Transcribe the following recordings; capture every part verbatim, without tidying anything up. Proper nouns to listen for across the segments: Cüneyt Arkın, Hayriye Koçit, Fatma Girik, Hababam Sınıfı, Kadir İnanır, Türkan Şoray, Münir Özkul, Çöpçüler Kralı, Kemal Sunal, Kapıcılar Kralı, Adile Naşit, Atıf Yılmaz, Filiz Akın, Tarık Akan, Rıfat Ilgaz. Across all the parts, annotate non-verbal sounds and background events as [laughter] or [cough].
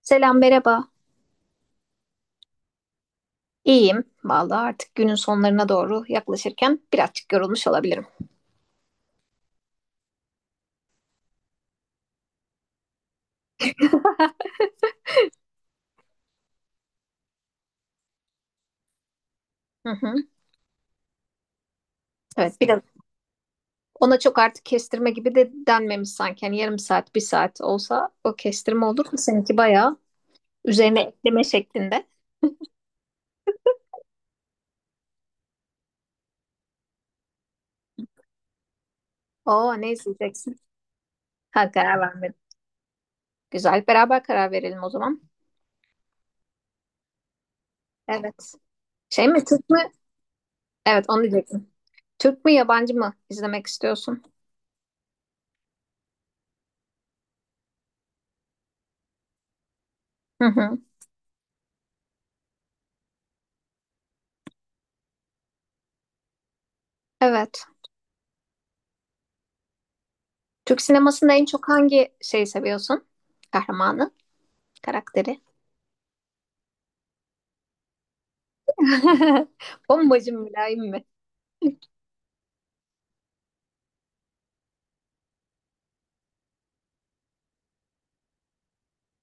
Selam, merhaba. İyiyim. Vallahi artık günün sonlarına doğru yaklaşırken birazcık yorulmuş olabilirim. Hı hı. Evet, biraz. Ona çok artık kestirme gibi de denmemiş sanki. Yani yarım saat, bir saat olsa o kestirme olur mu? Seninki bayağı üzerine ekleme şeklinde. Oo, ne izleyeceksin? Ha, karar vermedim. Güzel. Beraber karar verelim o zaman. Evet. Şey mi, Türk mü? Evet, onu diyecektim. Türk mü, yabancı mı izlemek istiyorsun? Hı hı. Evet. Türk sinemasında en çok hangi şeyi seviyorsun? Kahramanı? Karakteri. [laughs] Bombacı mülayim mi?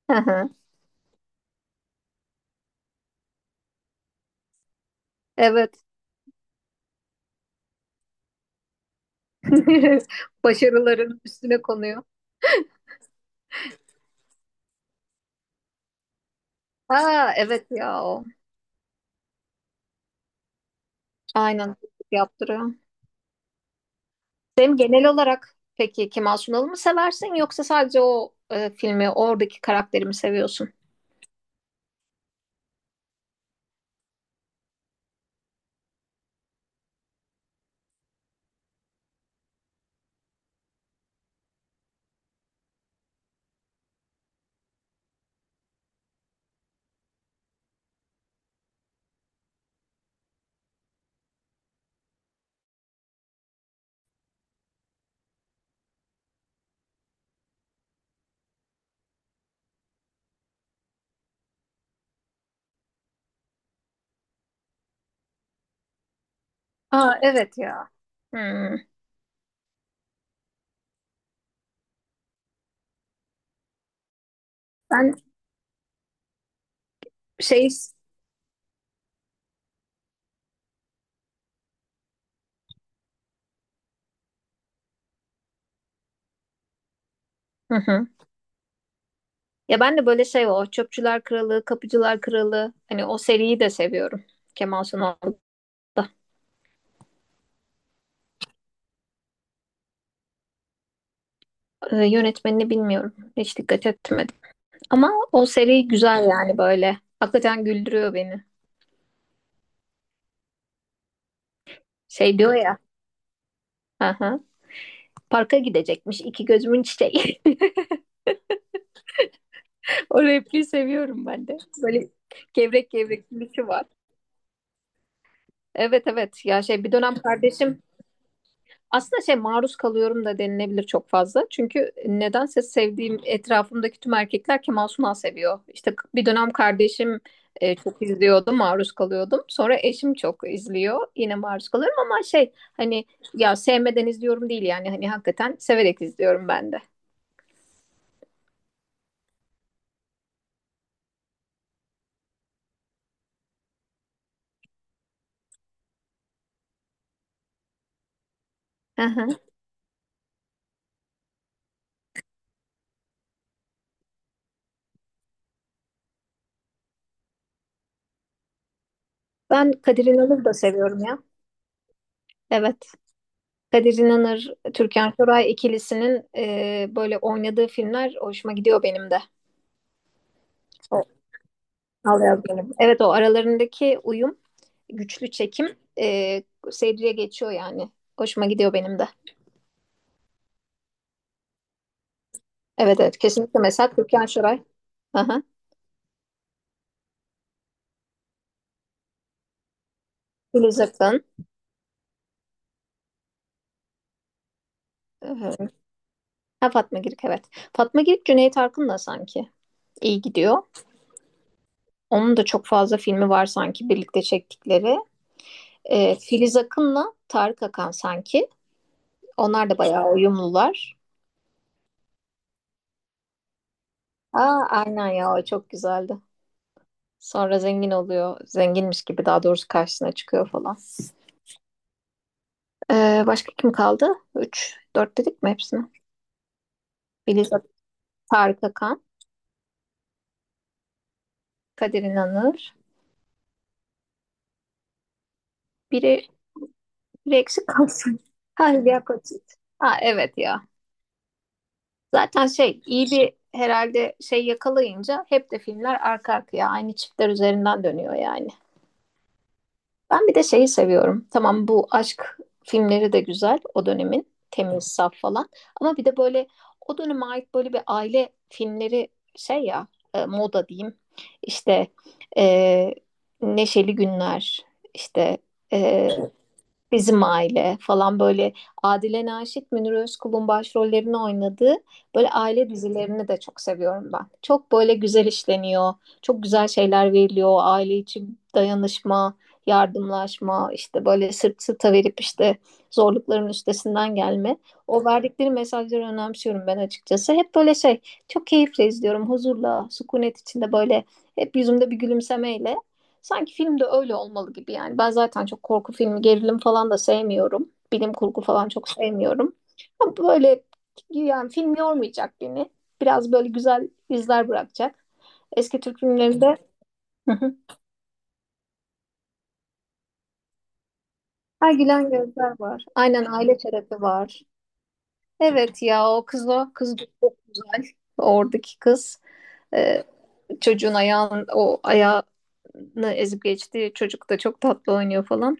Hı hı. Evet. [laughs] Başarıların üstüne konuyor. Ha evet ya o. Aynen yaptırıyor. Sen genel olarak peki Kemal Sunal'ı mı seversin yoksa sadece o e, filmi oradaki karakteri mi seviyorsun? Ha evet ya. Hmm. Ben şey. Hı hı. Ya ben de böyle şey o Çöpçüler Kralı, Kapıcılar Kralı hani o seriyi de seviyorum. Kemal Sunal'da. E, yönetmenini bilmiyorum. Hiç dikkat etmedim. Ama o seri güzel yani böyle. Hakikaten güldürüyor beni. Şey diyor ya. Aha, parka gidecekmiş iki gözümün çiçeği. [laughs] O repliği seviyorum ben de. Böyle gevrek gevrek gülüşü var. Evet evet ya, şey, bir dönem kardeşim. Aslında şey maruz kalıyorum da denilebilir çok fazla. Çünkü nedense sevdiğim etrafımdaki tüm erkekler Kemal Sunal seviyor. İşte k- bir dönem kardeşim e, çok izliyordu, maruz kalıyordum. Sonra eşim çok izliyor, yine maruz kalıyorum ama şey hani, ya sevmeden izliyorum değil yani hani hakikaten severek izliyorum ben de. Hı hı. Ben Kadir İnanır'ı da seviyorum ya. Evet. Kadir İnanır, Türkan Şoray ikilisinin e, böyle oynadığı filmler hoşuma gidiyor benim de. O- Al yaz benim. Evet, o aralarındaki uyum, güçlü çekim e, seyirciye geçiyor yani. Hoşuma gidiyor benim de. Evet evet, kesinlikle mesela Türkan Şoray. Aha. Filiz Akın. Ee, Ha, Fatma Girik evet. Fatma Girik Cüneyt Arkın'la sanki iyi gidiyor. Onun da çok fazla filmi var sanki birlikte çektikleri. Ee, Filiz Akın'la Tarık Akan sanki. Onlar da bayağı uyumlular. Aa, aynen ya, o çok güzeldi. Sonra zengin oluyor. Zenginmiş gibi, daha doğrusu, karşısına çıkıyor falan. Ee, başka kim kaldı? Üç dört dedik mi hepsini? Filiz Ak- Tarık Akan, Kadir İnanır. Biri, biri eksik kalsın. [laughs] Hayriye Koçit. Ha, evet ya. Zaten şey, iyi bir herhalde şey yakalayınca hep de filmler arka arkaya aynı çiftler üzerinden dönüyor yani. Ben bir de şeyi seviyorum. Tamam, bu aşk filmleri de güzel, o dönemin temiz, saf falan. Ama bir de böyle o döneme ait böyle bir aile filmleri, şey ya, e, moda diyeyim. İşte e, Neşeli Günler, işte e, Bizim Aile falan, böyle Adile Naşit, Münir Özkul'un başrollerini oynadığı böyle aile dizilerini de çok seviyorum ben. Çok böyle güzel işleniyor, çok güzel şeyler veriliyor: aile içi dayanışma, yardımlaşma, işte böyle sırt sırta verip işte zorlukların üstesinden gelme. O verdikleri mesajları önemsiyorum ben açıkçası. Hep böyle şey, çok keyifle izliyorum, huzurla, sükunet içinde, böyle hep yüzümde bir gülümsemeyle. Sanki filmde öyle olmalı gibi yani. Ben zaten çok korku filmi, gerilim falan da sevmiyorum. Bilim kurgu falan çok sevmiyorum. Ama böyle, yani, film yormayacak beni. Biraz böyle güzel izler bırakacak. Eski Türk filmlerinde. Hı hı. Ha, gülen gözler var. Aynen, aile terapi var. Evet ya, o kız o. Kız çok güzel. Oradaki kız. Ee, çocuğun ayağın, o ayağını ezip geçti. Çocuk da çok tatlı oynuyor falan.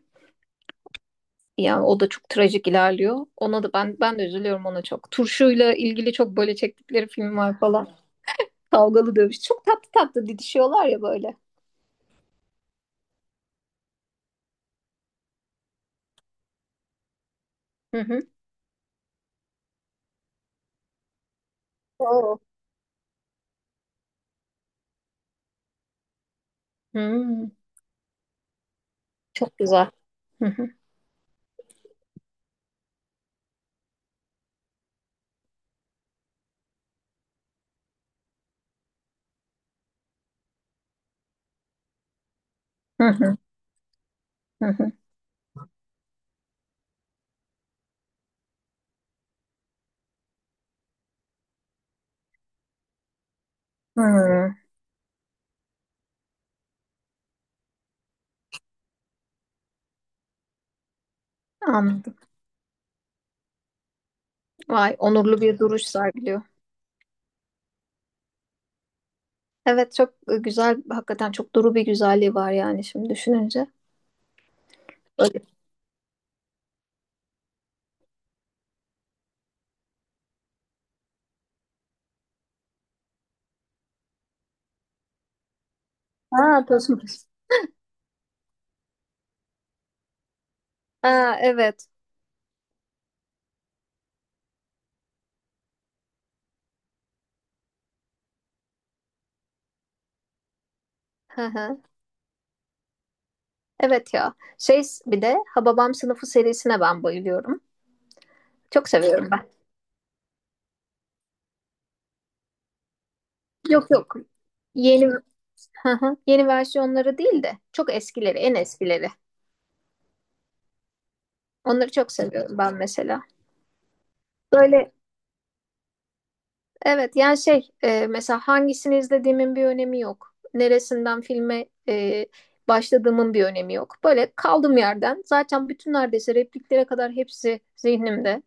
Ya, o da çok trajik ilerliyor. Ona da ben ben de üzülüyorum, ona çok. Turşuyla ilgili çok böyle çektikleri film var falan. Kavgalı dövüş. Çok tatlı tatlı didişiyorlar ya böyle. Hı hı. Oo. Hmm, çok güzel. Hı hı. Hı hı. Hı hı. Hı. Anladım. Vay, onurlu bir duruş sergiliyor. Evet, çok e, güzel. Hakikaten çok duru bir güzelliği var yani şimdi düşününce. Öyle. Ha, Tosun Paşa. Ha, evet. Hı hı. Evet ya. Şey, bir de Hababam Sınıfı serisine ben bayılıyorum. Çok seviyorum ben. Yok yok. Yeni. Hı hı. Yeni versiyonları değil de çok eskileri, en eskileri. Onları çok seviyorum ben mesela. Böyle, evet yani şey e, mesela hangisini izlediğimin bir önemi yok. Neresinden filme e, başladığımın bir önemi yok. Böyle kaldım yerden. Zaten bütün, neredeyse repliklere kadar hepsi zihnimde.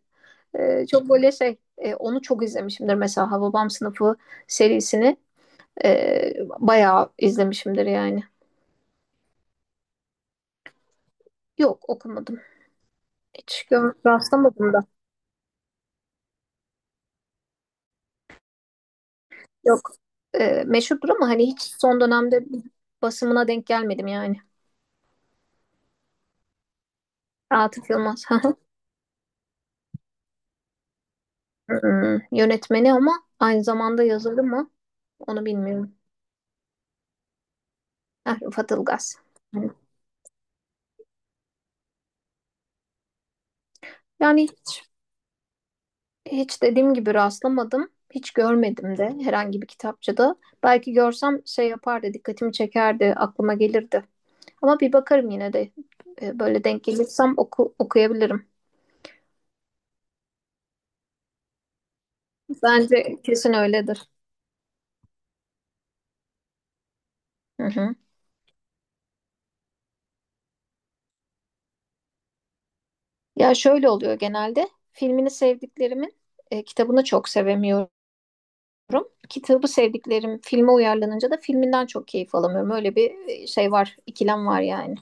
E, çok böyle şey e, onu çok izlemişimdir mesela, Hababam Sınıfı serisini e, bayağı izlemişimdir yani. Yok, okumadım. Hiç gör rastlamadım. Yok, e, meşhurdur ama hani hiç son dönemde basımına denk gelmedim yani. Atıf Yılmaz. [laughs] Hmm, Yönetmeni ama aynı zamanda yazarı mı, onu bilmiyorum. Heh, Rıfat Ilgaz. Hı. Yani hiç, hiç dediğim gibi rastlamadım. Hiç görmedim de herhangi bir kitapçıda. Belki görsem şey yapardı, dikkatimi çekerdi, aklıma gelirdi. Ama bir bakarım yine de. E, Böyle denk gelirsem, oku, okuyabilirim. Bence kesin öyledir. Hı hı. Ya, şöyle oluyor genelde. Filmini sevdiklerimin e, kitabını çok sevemiyorum. Kitabı sevdiklerim filme uyarlanınca da filminden çok keyif alamıyorum. Öyle bir e, şey var, ikilem var yani.